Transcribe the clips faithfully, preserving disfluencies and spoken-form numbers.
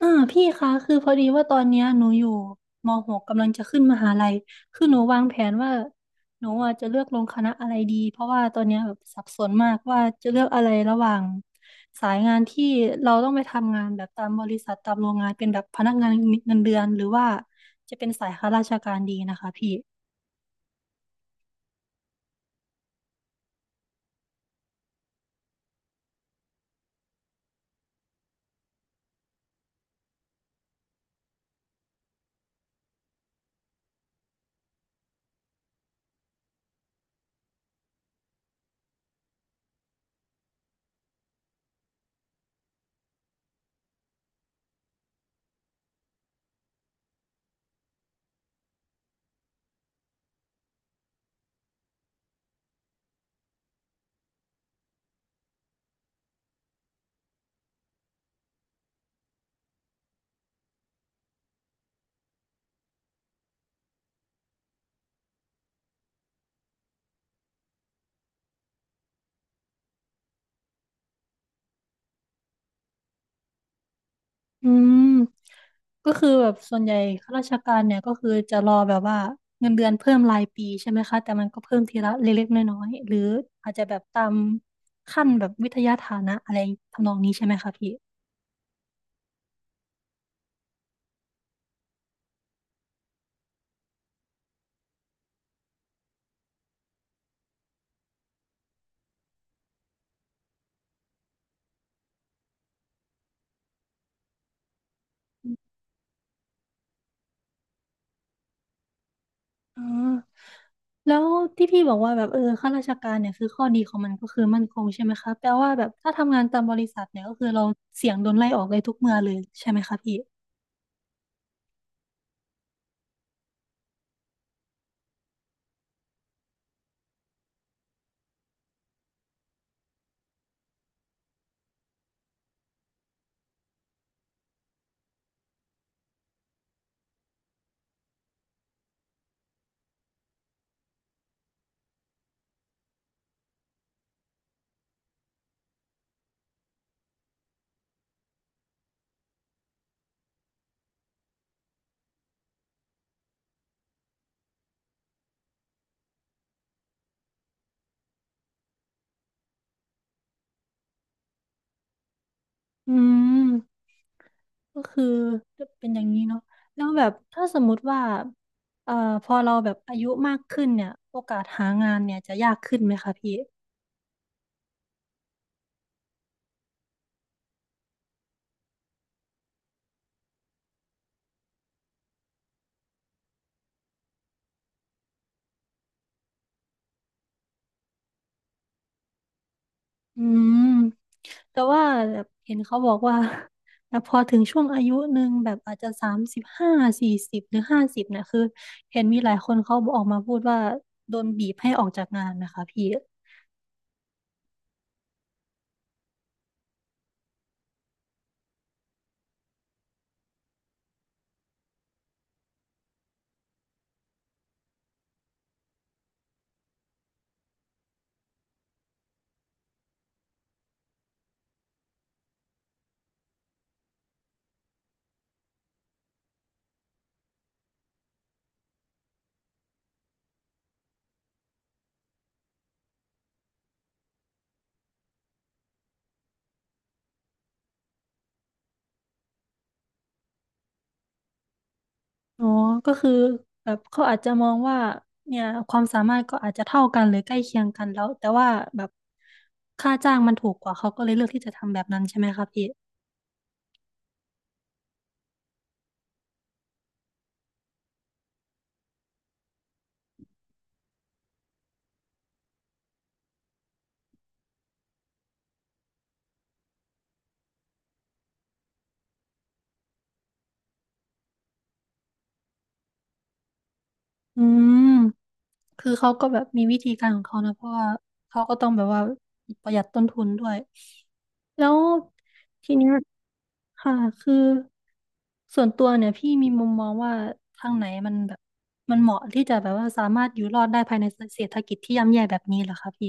อ่าพี่คะคือพอดีว่าตอนเนี้ยหนูอยู่มหกกำลังจะขึ้นมหาลัยคือหนูวางแผนว่าหนูอ่ะจะเลือกลงคณะอะไรดีเพราะว่าตอนเนี้ยแบบสับสนมากว่าจะเลือกอะไรระหว่างสายงานที่เราต้องไปทำงานแบบตามบริษัทตามโรงงานเป็นแบบพนักงานเงินเดือนหรือว่าจะเป็นสายข้าราชการดีนะคะพี่ อืมก็คือแบบส่วนใหญ่ข้าราชการเนี่ยก็คือจะรอแบบว่าเงินเดือนเพิ่มรายปีใช่ไหมคะแต่มันก็เพิ่มทีละเล็กๆน้อยๆหรืออาจจะแบบตามขั้นแบบวิทยาฐานะอะไรทำนองนี้ใช่ไหมคะพี่อ๋อแล้วที่พี่บอกว่าแบบเออข้าราชการเนี่ยคือข้อดีของมันก็คือมั่นคงใช่ไหมคะแปลว่าแบบถ้าทำงานตามบริษัทเนี่ยก็คือเราเสี่ยงโดนไล่ออกเลยทุกเมื่อเลยใช่ไหมคะพี่อืม ก็คือก็เป็นอย่างนี้เนาะแล้วแบบถ้าสมมุติว่าเอ่อพอเราแบบอายุมากขึ้นเนี่ยโอกาสหางานเนี่ยจะยากขึ้นไหมคะพี่อืมแต่ว่าแบบเห็นเขาบอกว่า แต่พอถึงช่วงอายุหนึ่งแบบอาจจะสามสิบห้าสี่สิบหรือห้าสิบเนี่ยคือเห็นมีหลายคนเขาออกมาพูดว่าโดนบีบให้ออกจากงานนะคะพี่ อ๋อก็คือแบบเขาอาจจะมองว่าเนี่ยความสามารถก็อาจจะเท่ากันหรือใกล้เคียงกันแล้วแต่ว่าแบบค่าจ้างมันถูกกว่าเขาก็เลยเลือกที่จะทำแบบนั้นใช่ไหมคะพี่อืมคือเขาก็แบบมีวิธีการของเขานะเพราะว่าเขาก็ต้องแบบว่าประหยัดต้นทุนด้วยแล้วทีเนี้ยค่ะคือส่วนตัวเนี่ยพี่มีมุมมองว่าทางไหนมันแบบมันเหมาะที่จะแบบว่าสามารถอยู่รอดได้ภายในเศรษฐกิจที่ย่ำแย่แบบนี้เหรอคะพี่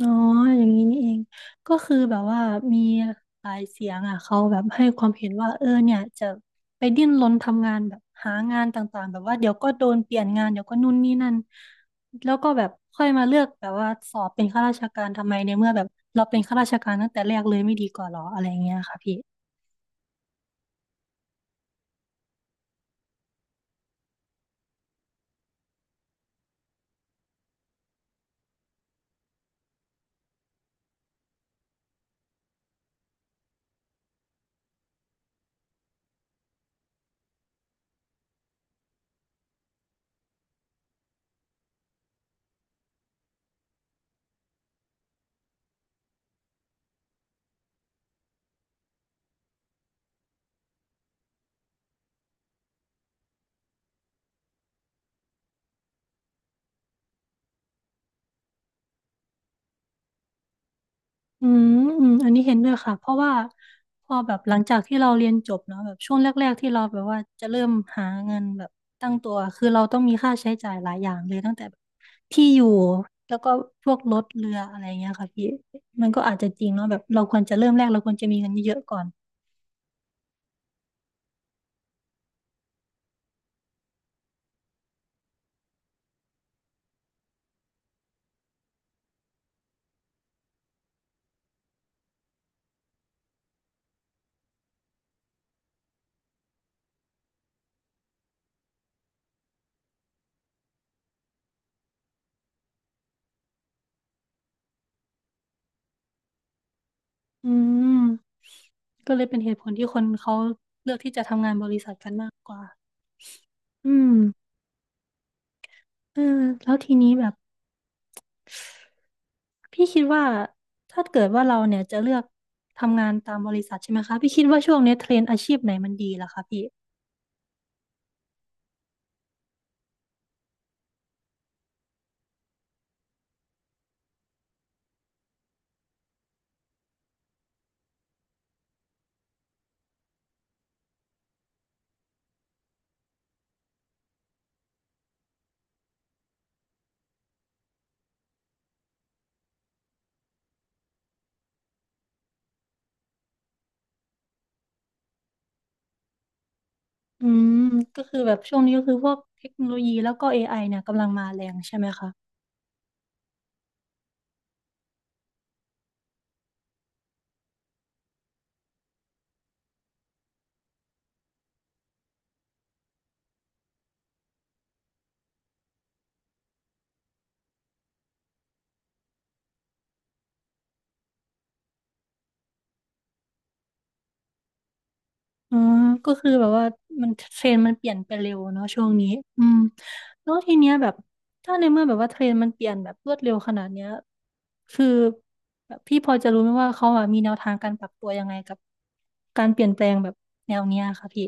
อ๋ออย่างนี้นี่เองก็คือแบบว่ามีหลายเสียงอ่ะเขาแบบให้ความเห็นว่าเออเนี่ยจะไปดิ้นรนทำงานแบบหางานต่างๆแบบว่าเดี๋ยวก็โดนเปลี่ยนงานเดี๋ยวก็นู่นนี่นั่นแล้วก็แบบค่อยมาเลือกแบบว่าสอบเป็นข้าราชการทำไมในเมื่อแบบเราเป็นข้าราชการตั้งแต่แรกเลยไม่ดีกว่าหรออะไรอย่างเงี้ยค่ะพี่ อืมอืมอันนี้เห็นด้วยค่ะเพราะว่าพอแบบหลังจากที่เราเรียนจบเนาะแบบช่วงแรกๆที่เราแบบว่าจะเริ่มหาเงินแบบตั้งตัวคือเราต้องมีค่าใช้จ่ายหลายอย่างเลยตั้งแต่แบบที่อยู่แล้วก็พวกรถเรืออะไรเงี้ยค่ะพี่มันก็อาจจะจริงเนาะแบบเราควรจะเริ่มแรกเราควรจะมีเงินเยอะๆก่อนอืมก็เลยเป็นเหตุผลที่คนเขาเลือกที่จะทำงานบริษัทกันมากกว่าอืมเออแล้วทีนี้แบบ พี่คิดว่าถ้าเกิดว่าเราเนี่ยจะเลือกทำงานตามบริษัทใช่ไหมคะพี่คิดว่าช่วงนี้เทรนด์อาชีพไหนมันดีล่ะคะพี่อืมก็คือแบบช่วงนี้ก็คือพวกเทคโนโลยีแล้วก็เอไอเนี่ยกำลังมาแรงใช่ไหมคะอืมก็คือแบบว่ามันเทรนด์มันเปลี่ยนไปเร็วเนาะช่วงนี้อืมแล้วทีเนี้ยแบบถ้าในเมื่อแบบว่าเทรนด์มันเปลี่ยนแบบรวดเร็วขนาดเนี้ยคือแบบพี่พอจะรู้ไหมว่าเขาอะมีแนวทางการปรับตัวยังไงกับการเปลี่ยนแปลงแบบแนวเนี้ยค่ะพี่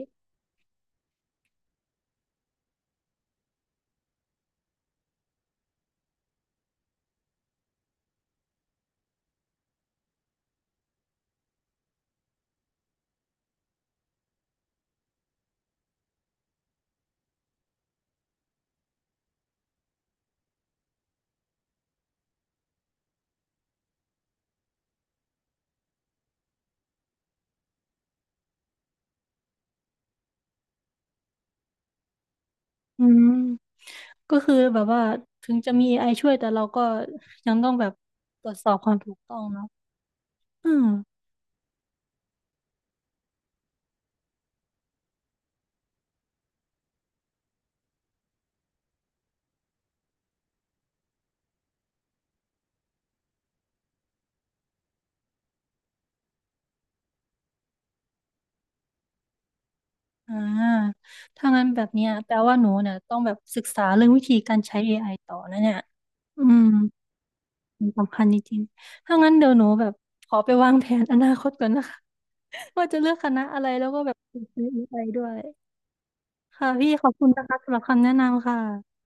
อืม ก็คือแบบว่าถึงจะมี เอ ไอ ช่วยแต่เราก็ยังต้องแบบตรวจสอบความถูกต้องเนาะอืมอ่าถ้างั้นแบบเนี้ยแปลว่าหนูเนี่ยต้องแบบศึกษาเรื่องวิธีการใช้ เอ ไอ ต่อนะเนี่ยอืมมันสำคัญจริงๆถ้างั้นเดี๋ยวหนูแบบขอไปวางแผนอนาคตก่อนนะคะ ว่าจะเลือกคณะอะไรแล้วก็แบบไป้ เอ ไอ ด้วยค่ะพี่ขอบคุณนะคะสำหรับคำแนะนำค่ะ